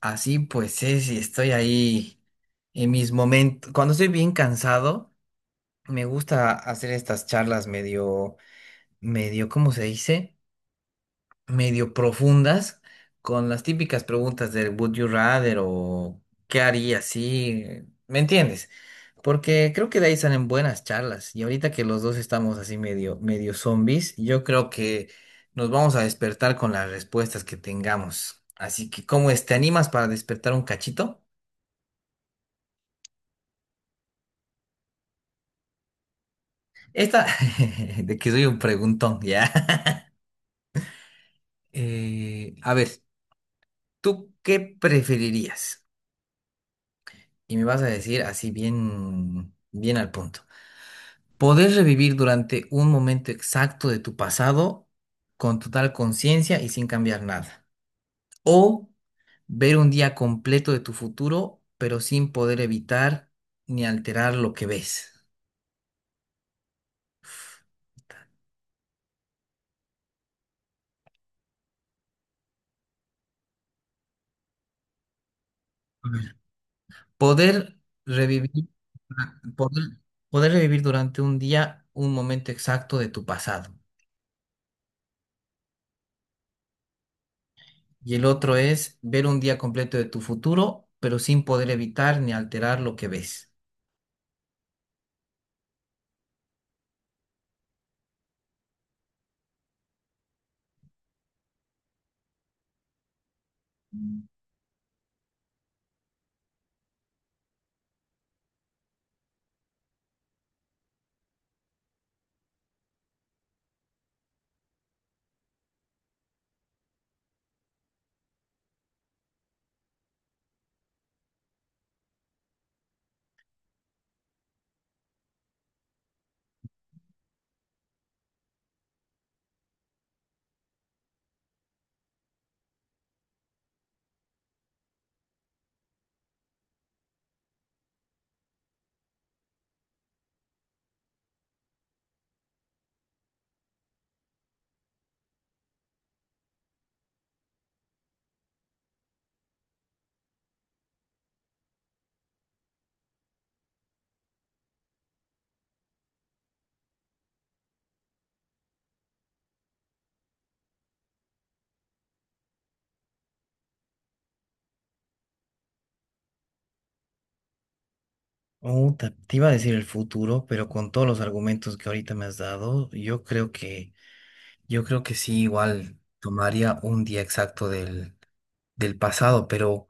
Así pues es, y estoy ahí en mis momentos. Cuando estoy bien cansado, me gusta hacer estas charlas medio, ¿cómo se dice? Medio profundas, con las típicas preguntas del Would you rather o ¿qué haría si? ¿Me entiendes? Porque creo que de ahí salen buenas charlas. Y ahorita que los dos estamos así medio zombies, yo creo que nos vamos a despertar con las respuestas que tengamos. Así que, ¿cómo es? ¿Te animas para despertar un cachito? Esta, de que soy un preguntón, ya. A ver, ¿tú qué preferirías? Y me vas a decir así bien, bien al punto. ¿Poder revivir durante un momento exacto de tu pasado con total conciencia y sin cambiar nada? ¿O ver un día completo de tu futuro, pero sin poder evitar ni alterar lo que ves? Poder revivir, poder, poder revivir durante un día un momento exacto de tu pasado. Y el otro es ver un día completo de tu futuro, pero sin poder evitar ni alterar lo que ves. Oh, te iba a decir el futuro, pero con todos los argumentos que ahorita me has dado, yo creo que sí, igual tomaría un día exacto del pasado, pero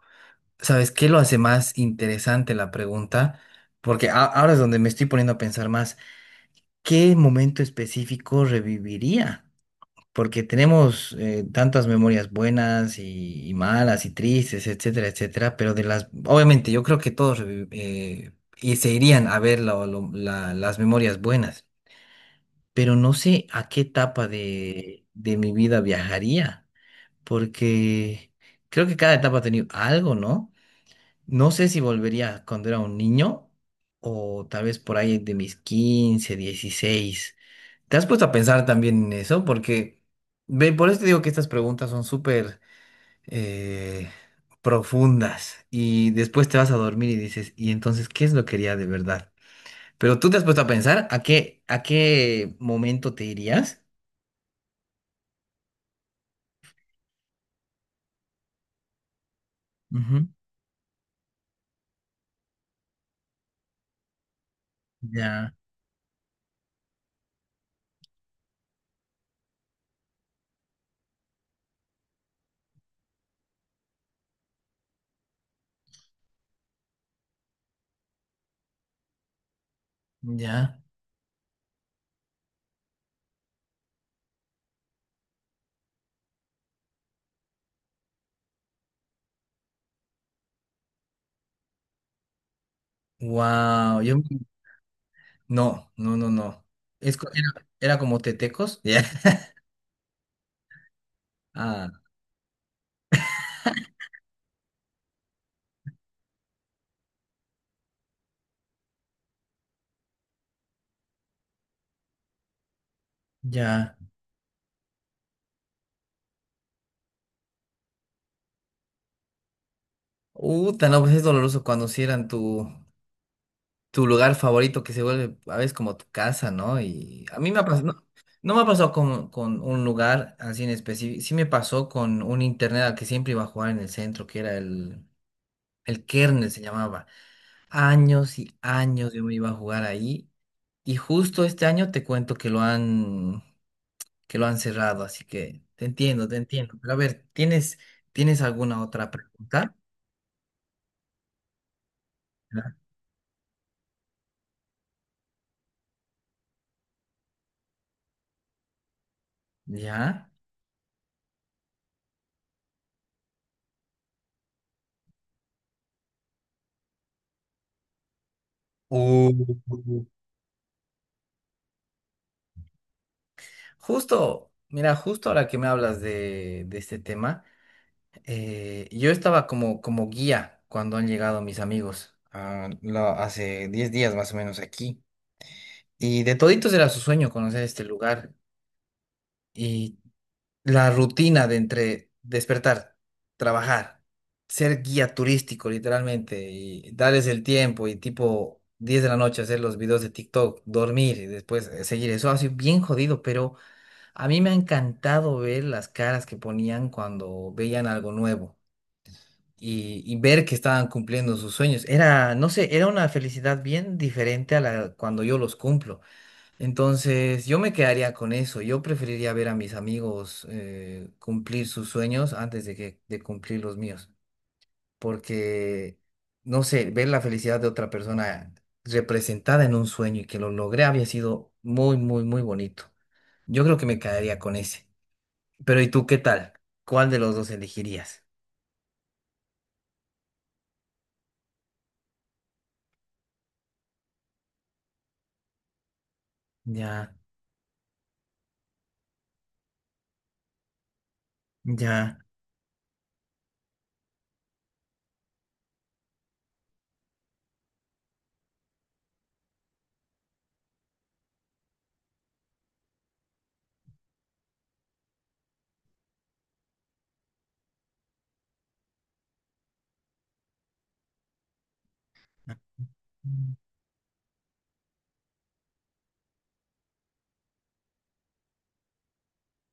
¿sabes qué lo hace más interesante la pregunta? Porque ahora es donde me estoy poniendo a pensar más. ¿Qué momento específico reviviría? Porque tenemos tantas memorias buenas y malas y tristes, etcétera, etcétera, pero de las, obviamente yo creo que todos y se irían a ver las memorias buenas, pero no sé a qué etapa de mi vida viajaría, porque creo que cada etapa ha tenido algo, ¿no? No sé si volvería cuando era un niño o tal vez por ahí de mis 15, 16. ¿Te has puesto a pensar también en eso? Porque, ve, por eso te digo que estas preguntas son súper eh, profundas y después te vas a dormir y dices, ¿y entonces qué es lo que quería de verdad? Pero tú te has puesto a pensar a qué momento te irías. Ujú. Ya, ya. Wow, yo no, no, no, no. Era como tetecos. Ya. Ah, ya. Uta, no, pues es doloroso cuando cierran tu lugar favorito que se vuelve a veces como tu casa, ¿no? Y a mí me ha pasado, no, no me ha pasado con un lugar así en específico, sí me pasó con un internet al que siempre iba a jugar en el centro, que era el Kernel se llamaba. Años y años yo me iba a jugar ahí y justo este año te cuento que lo han cerrado, así que te entiendo, te entiendo. Pero a ver, ¿Tienes alguna otra pregunta? ¿Ya? Uh. Justo, mira, justo ahora que me hablas de este tema, yo estaba como guía cuando han llegado mis amigos, ah, hace 10 días más o menos aquí, y de toditos era su sueño conocer este lugar y la rutina de entre despertar, trabajar, ser guía turístico literalmente y darles el tiempo y tipo 10 de la noche hacer los videos de TikTok, dormir y después seguir, eso ha sido bien jodido, pero... A mí me ha encantado ver las caras que ponían cuando veían algo nuevo y ver que estaban cumpliendo sus sueños. Era, no sé, era una felicidad bien diferente a la cuando yo los cumplo. Entonces, yo me quedaría con eso. Yo preferiría ver a mis amigos cumplir sus sueños antes de que de cumplir los míos, porque no sé, ver la felicidad de otra persona representada en un sueño y que lo logré había sido muy, muy, muy bonito. Yo creo que me quedaría con ese. Pero ¿y tú qué tal? ¿Cuál de los dos elegirías? Ya, ya,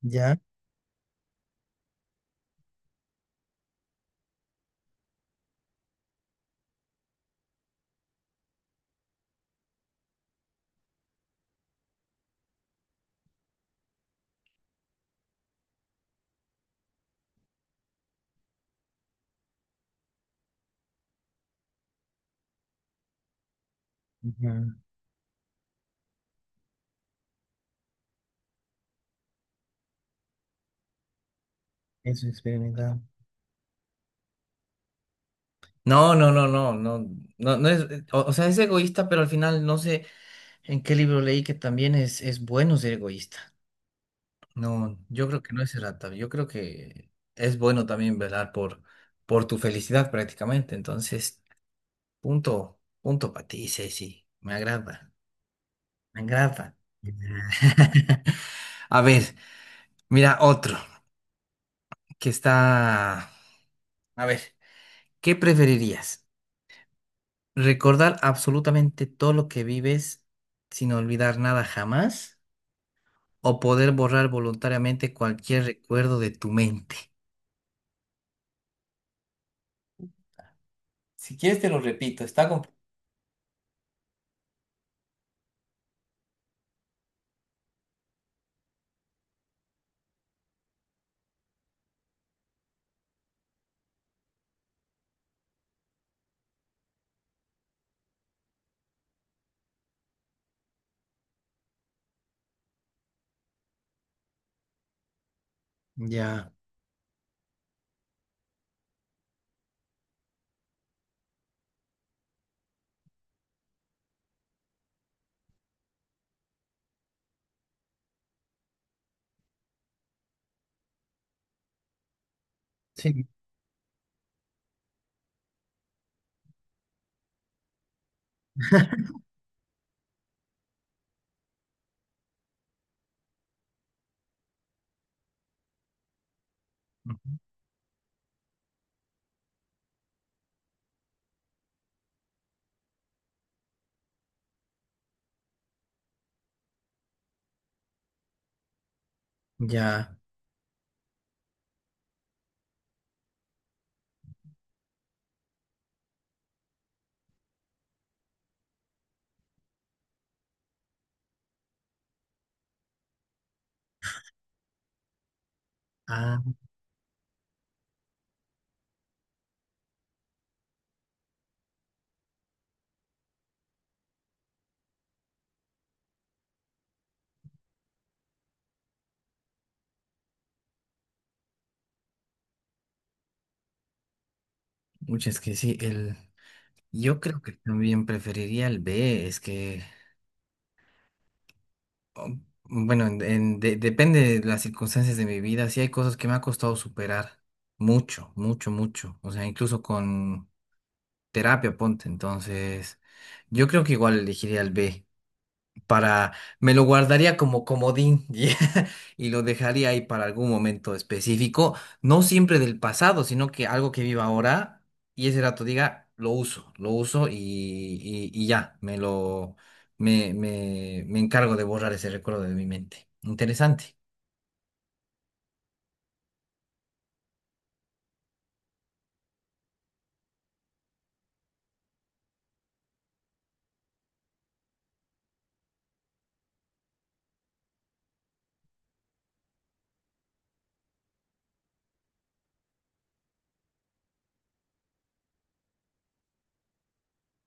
ya, ya, eso es experimentado. No, no, no, no, no, no, no es, o sea, es egoísta, pero al final no sé en qué libro leí que también es bueno ser egoísta. No, yo creo que no es errata, yo creo que es bueno también velar por tu felicidad prácticamente. Entonces, punto, punto para ti, Ceci, me agrada, me agrada. A ver, mira otro. Que está... A ver, ¿qué preferirías? ¿Recordar absolutamente todo lo que vives sin olvidar nada jamás? ¿O poder borrar voluntariamente cualquier recuerdo de tu mente? Si quieres te lo repito, está complicado. Ya. Sí. Ujú. Ya. Ah, muchas que sí. El... Yo creo que también preferiría el B, es que... bueno, depende de las circunstancias de mi vida. Sí hay cosas que me ha costado superar mucho, mucho, mucho. O sea, incluso con terapia, ponte. Entonces, yo creo que igual elegiría el B para, me lo guardaría como comodín y lo dejaría ahí para algún momento específico, no siempre del pasado, sino que algo que viva ahora y ese rato diga, lo uso y ya, me lo, me encargo de borrar ese recuerdo de mi mente. Interesante.